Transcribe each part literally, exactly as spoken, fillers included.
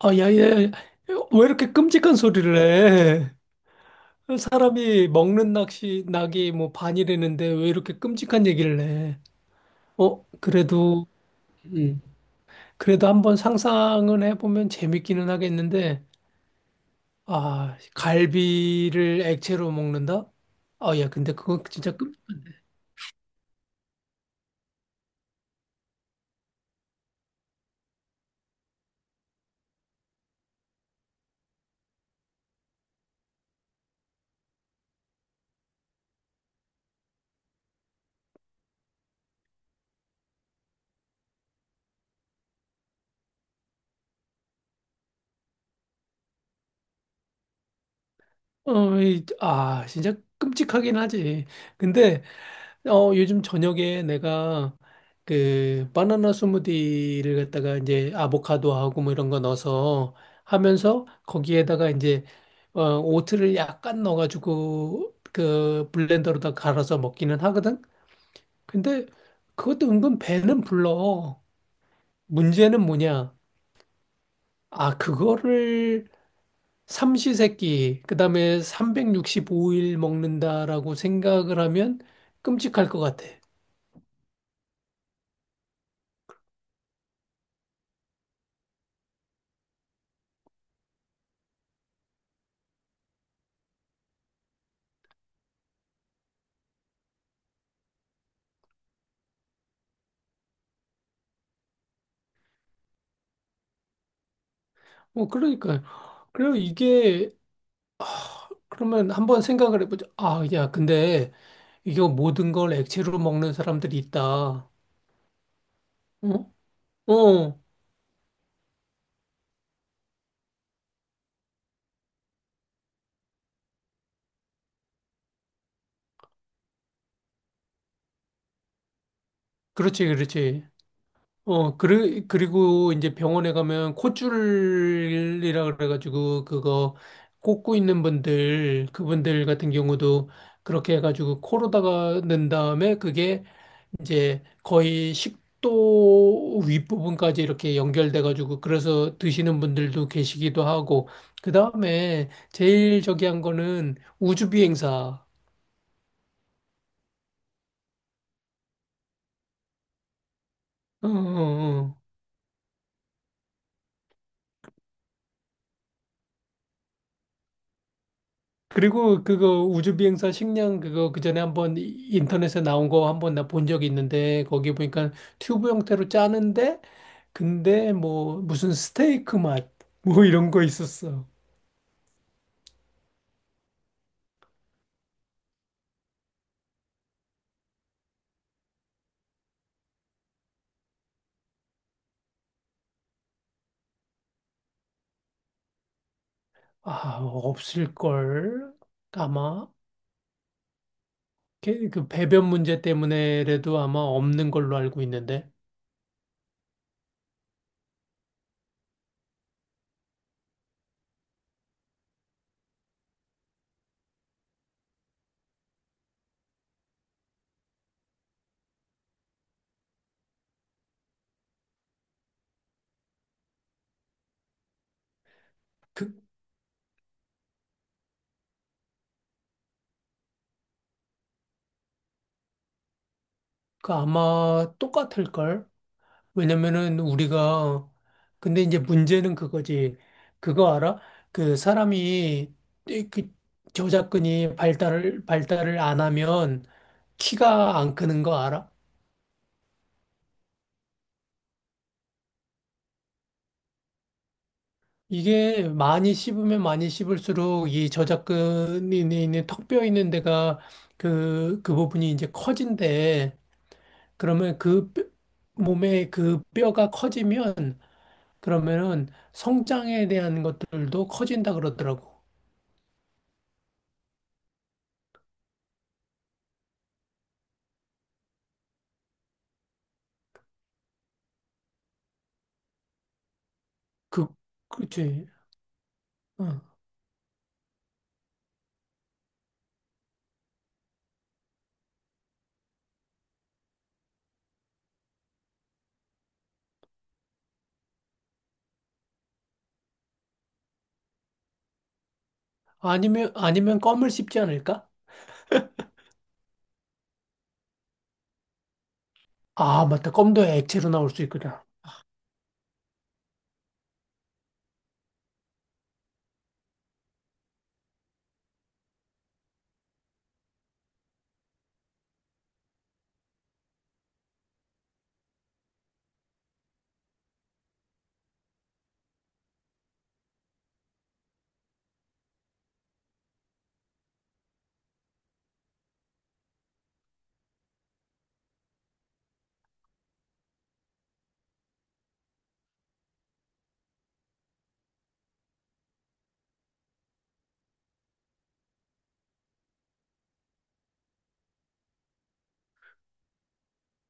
아, 야, 야, 야. 왜 이렇게 끔찍한 소리를 해? 사람이 먹는 낚시, 낙이 뭐 반이라는데 왜 이렇게 끔찍한 얘기를 해? 어, 그래도, 음, 그래도 한번 상상은 해보면 재밌기는 하겠는데, 아, 갈비를 액체로 먹는다? 아, 야, 근데 그건 진짜 끔, 어, 이- 아, 진짜 끔찍하긴 하지. 근데, 어, 요즘 저녁에 내가 그 바나나 스무디를 갖다가 이제 아보카도하고 뭐 이런 거 넣어서 하면서 거기에다가 이제 어, 오트를 약간 넣어가지고 그 블렌더로다 갈아서 먹기는 하거든. 근데 그것도 은근 배는 불러. 문제는 뭐냐? 아, 그거를 삼시세끼, 그다음에 삼백육십오 일 먹는다라고 생각을 하면 끔찍할 것 같아. 뭐 그러니까 그리고 이게 그러면 한번 생각을 해보자. 아, 야, 근데 이거 모든 걸 액체로 먹는 사람들이 있다. 어? 어, 그렇지, 그렇지. 어, 그리, 그리고 이제 병원에 가면 콧줄이라 그래가지고 그거 꽂고 있는 분들, 그분들 같은 경우도 그렇게 해가지고 코로다가 넣은 다음에 그게 이제 거의 식도 윗부분까지 이렇게 연결돼가지고 그래서 드시는 분들도 계시기도 하고 그 다음에 제일 저기 한 거는 우주비행사. 어, 어, 어. 그리고 그거 우주비행사 식량 그거 그 전에 한번 인터넷에 나온 거 한번 나 본 적이 있는데 거기 보니까 튜브 형태로 짜는데 근데 뭐 무슨 스테이크 맛 뭐 이런 거 있었어. 아 없을걸, 아마. 게- 그 배변 문제 때문에라도 아마 없는 걸로 알고 있는데. 그, 그 아마 똑같을걸? 왜냐면은 우리가 근데 이제 문제는 그거지. 그거 알아? 그 사람이 이- 그 저작근이 발달을 발달을 안 하면 키가 안 크는 거 알아? 이게 많이 씹으면 많이 씹을수록 이 저작근이 있는 턱뼈 있는 데가 그 그 부분이 이제 커진대. 그러면 그 뼈- 몸의 그 뼈가 커지면 그러면은 성장에 대한 것들도 커진다 그러더라고. 그, 그치. 어. 아니면, 아니면 껌을 씹지 않을까? 아, 맞다. 껌도 액체로 나올 수 있구나.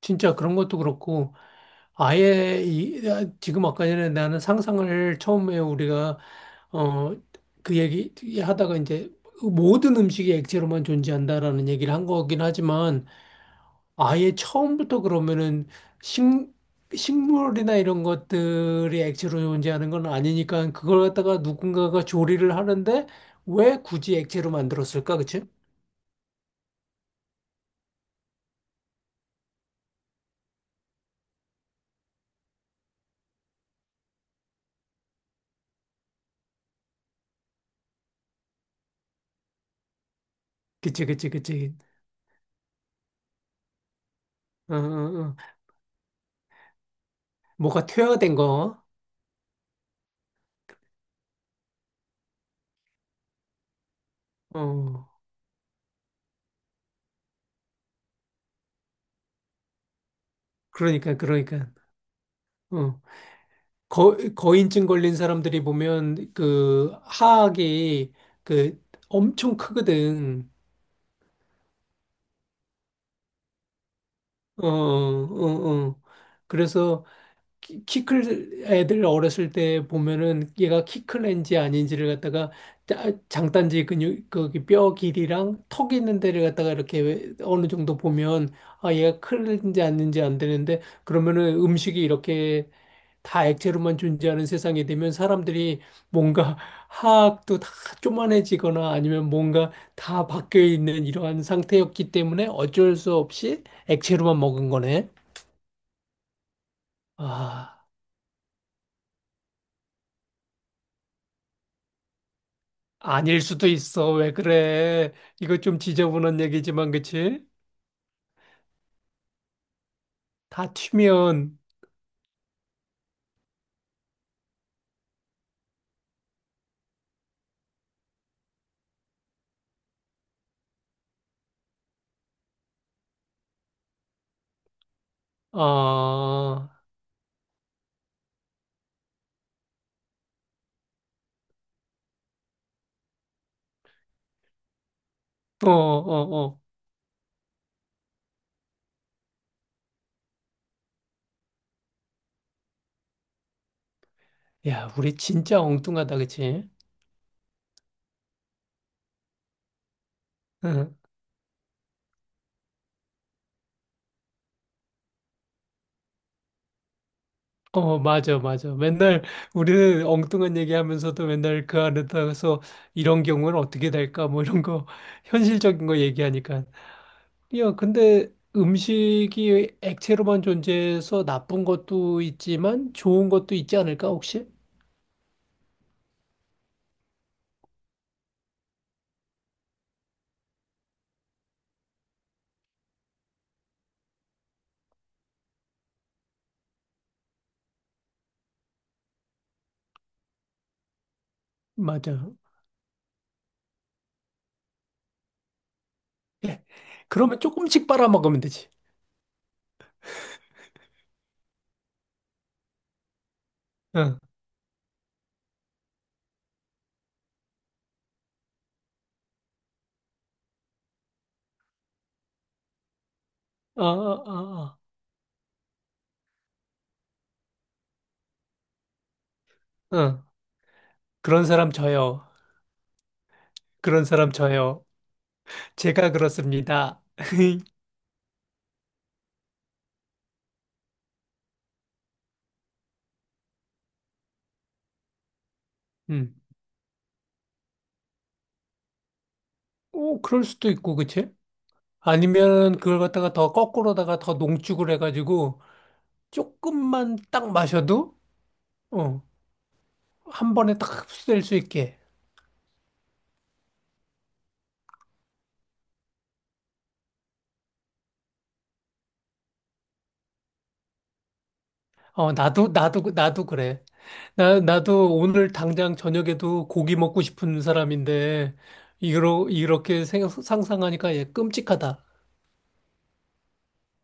진짜 그런 것도 그렇고, 아예 이, 아, 지금 아까 전에 나는 상상을 처음에 우리가, 어, 그 얘기 하다가 이제 모든 음식이 액체로만 존재한다라는 얘기를 한 거긴 하지만, 아예 처음부터 그러면은 식, 식물이나 이런 것들이 액체로 존재하는 건 아니니까 그걸 갖다가 누군가가 조리를 하는데 왜 굳이 액체로 만들었을까? 그치? 그치, 그치, 그치. 어, 어, 어. 뭐가 퇴화된 거. 어, 그러니까, 그러니까. 어. 거, 거인증 걸린 사람들이 보면 그 하악이 그 엄청 크거든. 어, 어, 어. 그래서 키, 키클 애들 어렸을 때 보면은 얘가 키클인지 아닌지를 갖다가 짜- 장단지 근육 거기 뼈 길이랑 턱 있는 데를 갖다가 이렇게 왜- 어느 정도 보면 아 얘가 클인지 아닌지 안 되는데 그러면은 음식이 이렇게 다 액체로만 존재하는 세상이 되면 사람들이 뭔가 하악도 다 쪼만해지거나 아니면 뭔가 다 바뀌어 있는 이러한 상태였기 때문에 어쩔 수 없이 액체로만 먹은 거네. 아. 아닐 수도 있어. 왜 그래? 이거 좀 지저분한 얘기지만, 그치? 다 튀면, 아, 어, 어, 어. 야, 우리 진짜 엉뚱하다, 그치? 응. 어, 맞아, 맞아. 맨날 우리는 엉뚱한 얘기하면서도 맨날 그 안에다가서 이런 경우는 어떻게 될까? 뭐 이런 거, 현실적인 거 얘기하니까. 야, 근데 음식이 액체로만 존재해서 나쁜 것도 있지만 좋은 것도 있지 않을까, 혹시? 맞아. 예. 그러면 조금씩 빨아먹으면 되지. 응. 어, 어, 어, 어. 응. 그런 사람 저요. 그런 사람 저요. 제가 그렇습니다. 음. 오, 그럴 수도 있고, 그치? 아니면 그걸 갖다가 더 거꾸로다가 더 농축을 해가지고 조금만 딱 마셔도, 어, 한 번에 딱 흡수될 수 있게. 어, 나도, 나도, 나도 그래. 나, 나도 오늘 당장 저녁에도 고기 먹고 싶은 사람인데, 이러, 이렇게 생각, 상상하니까 얘 끔찍하다.